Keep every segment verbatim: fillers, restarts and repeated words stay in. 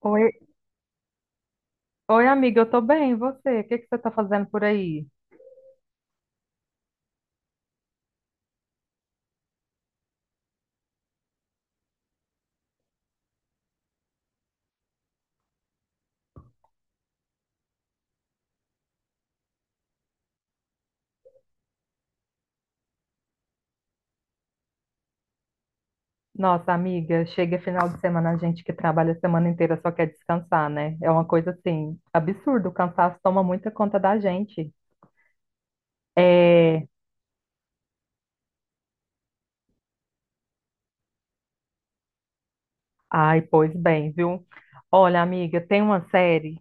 Oi, oi, amiga, eu tô bem, e você? O que que você tá fazendo por aí? Nossa, amiga, chega final de semana, a gente que trabalha a semana inteira só quer descansar, né? É uma coisa assim, absurdo, o cansaço toma muita conta da gente. É, ai, pois bem, viu? Olha, amiga, tem uma série,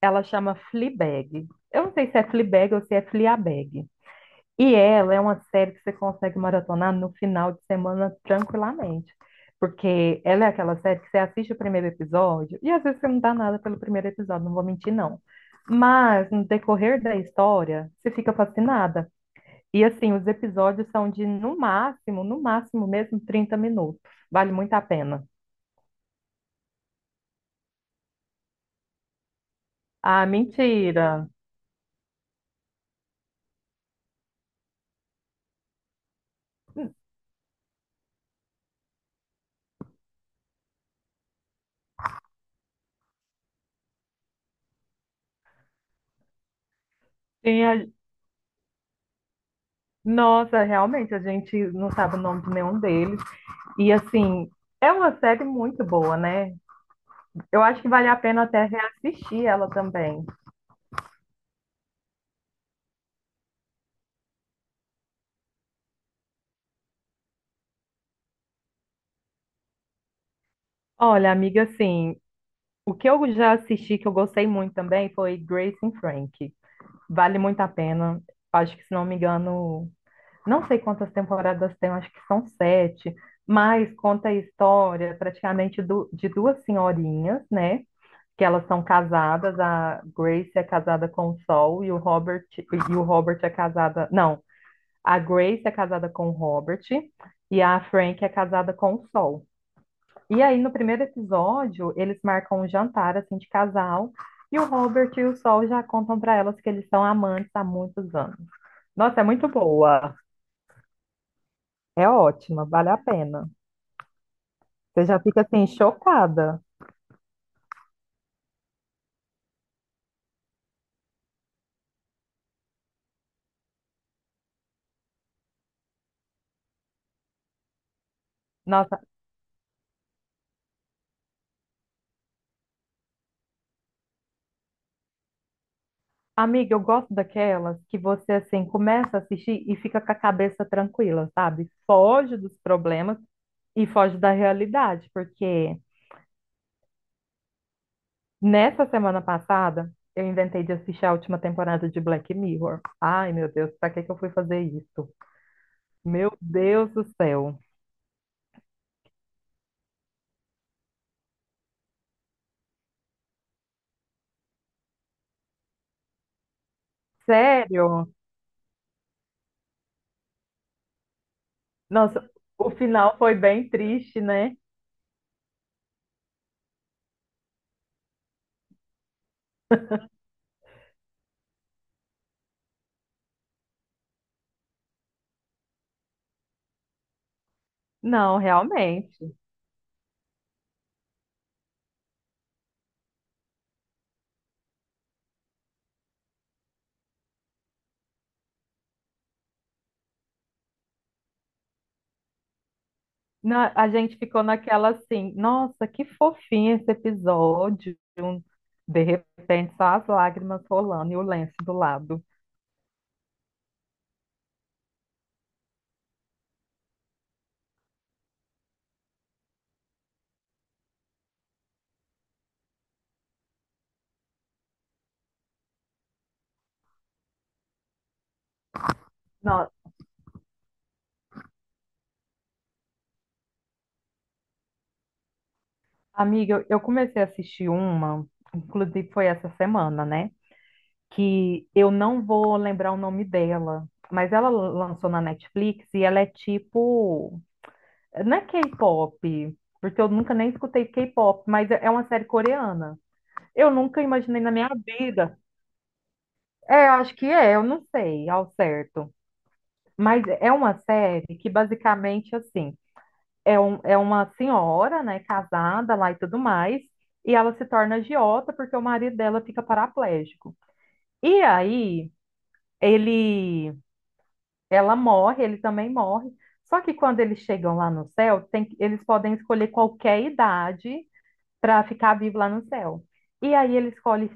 ela chama Fleabag. Eu não sei se é Fleabag ou se é Fleabag. E ela é uma série que você consegue maratonar no final de semana tranquilamente. Porque ela é aquela série que você assiste o primeiro episódio e às vezes você não dá nada pelo primeiro episódio, não vou mentir, não. Mas no decorrer da história, você fica fascinada. E assim, os episódios são de no máximo, no máximo mesmo trinta minutos. Vale muito a pena. Ah, mentira. Tem a- Nossa, realmente, a gente não sabe o nome de nenhum deles. E assim, é uma série muito boa, né? Eu acho que vale a pena até reassistir ela também. Olha, amiga, assim, o que eu já assisti que eu gostei muito também foi Grace and Frank. Vale muito a pena. Acho que, se não me engano, não sei quantas temporadas tem, acho que são sete, mas conta a história praticamente do- de duas senhorinhas, né? Que elas são casadas, a Grace é casada com o Sol e o Robert, e o Robert é casada. Não, a Grace é casada com o Robert e a Frank é casada com o Sol. E aí, no primeiro episódio, eles marcam um jantar, assim, de casal, e o Robert e o Sol já contam para elas que eles são amantes há muitos anos. Nossa, é muito boa. É ótima, vale a pena. Você já fica, assim, chocada. Nossa, amiga, eu gosto daquelas que você, assim, começa a assistir e fica com a cabeça tranquila, sabe? Foge dos problemas e foge da realidade, porque nessa semana passada, eu inventei de assistir a última temporada de Black Mirror. Ai, meu Deus, pra que que eu fui fazer isso? Meu Deus do céu. Sério? Nossa, o final foi bem triste, né? Não, realmente. Na- a gente ficou naquela assim, nossa, que fofinho esse episódio. De repente, só as lágrimas rolando e o lenço do lado. Não, amiga, eu eu comecei a assistir uma, inclusive foi essa semana, né? Que eu não vou lembrar o nome dela, mas ela lançou na Netflix e ela é tipo, não é K-pop, porque eu nunca nem escutei K-pop, mas é uma série coreana. Eu nunca imaginei na minha vida. É, eu acho que é, eu não sei ao certo. Mas é uma série que basicamente assim, é, um, é uma senhora, né, casada lá e tudo mais, e ela se torna agiota porque o marido dela fica paraplégico. E aí ele Ela morre, ele também morre. Só que quando eles chegam lá no céu, tem que- eles podem escolher qualquer idade para ficar vivo lá no céu. E aí ele escolhe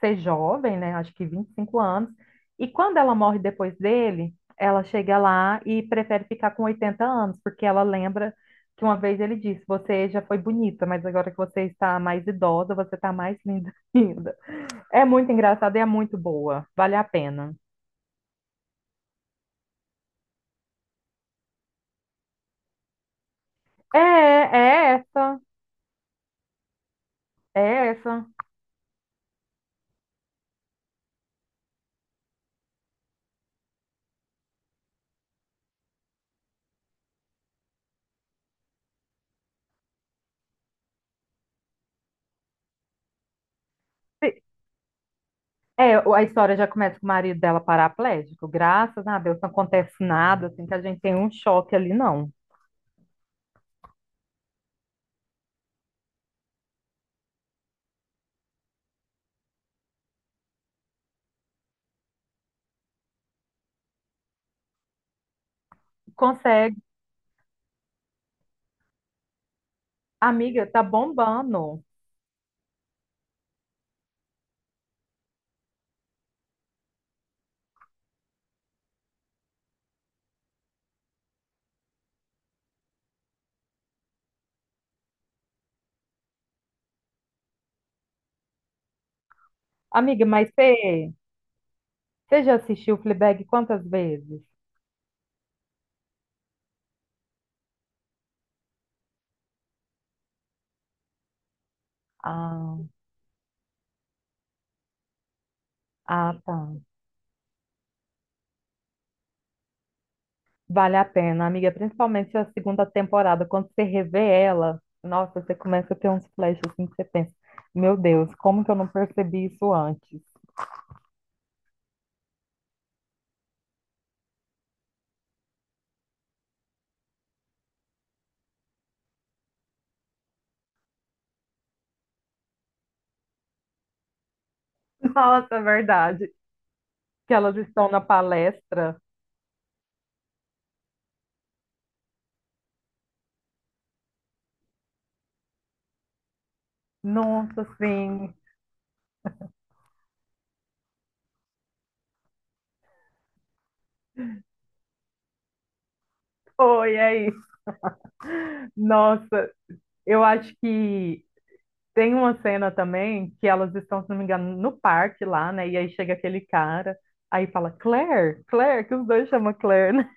ser jovem, né? Acho que vinte e cinco anos. E quando ela morre depois dele, ela chega lá e prefere ficar com oitenta anos, porque ela lembra que uma vez ele disse: Você já foi bonita, mas agora que você está mais idosa, você está mais linda ainda. É muito engraçada e é muito boa. Vale a pena. É, é essa. É essa. É, o- a história já começa com o marido dela paraplégico. Graças a Deus não acontece nada, assim, que a gente tem um choque ali, não. Consegue. Amiga, tá bombando. Amiga, mas você você já assistiu Fleabag quantas vezes? Ah, ah, tá. Vale a pena, amiga, principalmente a segunda temporada. Quando você revê ela, nossa, você começa a ter uns flashes assim que você pensa, meu Deus, como que eu não percebi isso antes? Nossa, é verdade. Que elas estão na palestra. Nossa, sim. Foi aí. Nossa, eu acho que tem uma cena também que elas estão, se não me engano, no parque lá, né? E aí chega aquele cara, aí fala Claire, Claire, que os dois chamam Claire, né?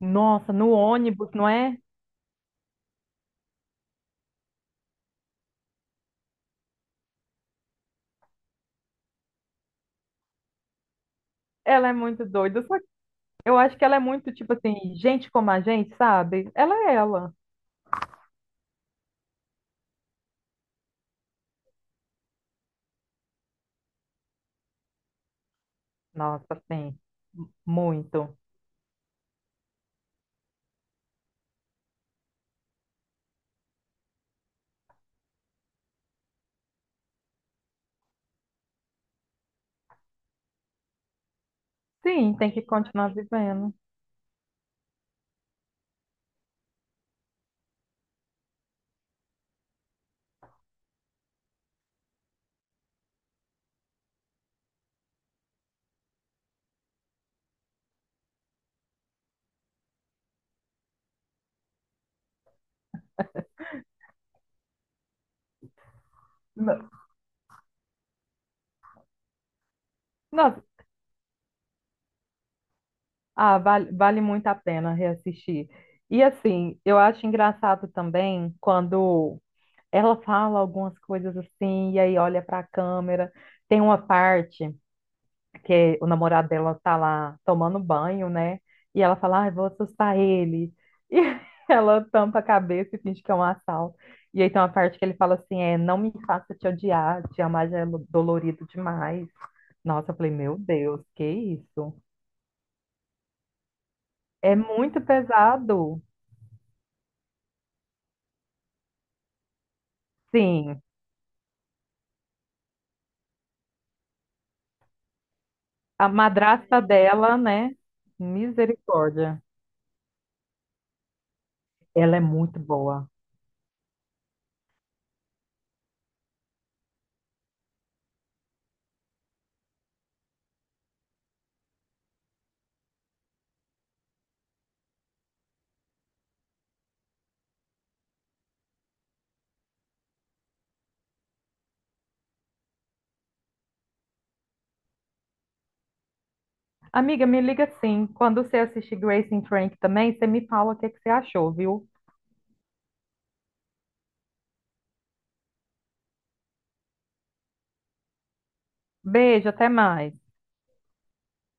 Nossa, no ônibus, não é? Ela é muito doida. Só que eu acho que ela é muito, tipo assim, gente como a gente, sabe? Ela é ela. Nossa, sim. Muito. Sim, tem que continuar vivendo. No- Nossa, ah, vale, vale muito a pena reassistir. E assim, eu acho engraçado também quando ela fala algumas coisas assim, e aí olha para a câmera. Tem uma parte que o namorado dela tá lá tomando banho, né? E ela fala, ai, vou assustar ele. E ela tampa a cabeça e finge que é um assalto. E aí tem uma parte que ele fala assim, é, não me faça te odiar, te amar já é dolorido demais. Nossa, eu falei, meu Deus, que isso? É muito pesado. Sim, a madrasta dela, né? Misericórdia. Ela é muito boa. Amiga, me liga sim. Quando você assistir Grace and Frank também, você me fala o que é que você achou, viu? Beijo, até mais.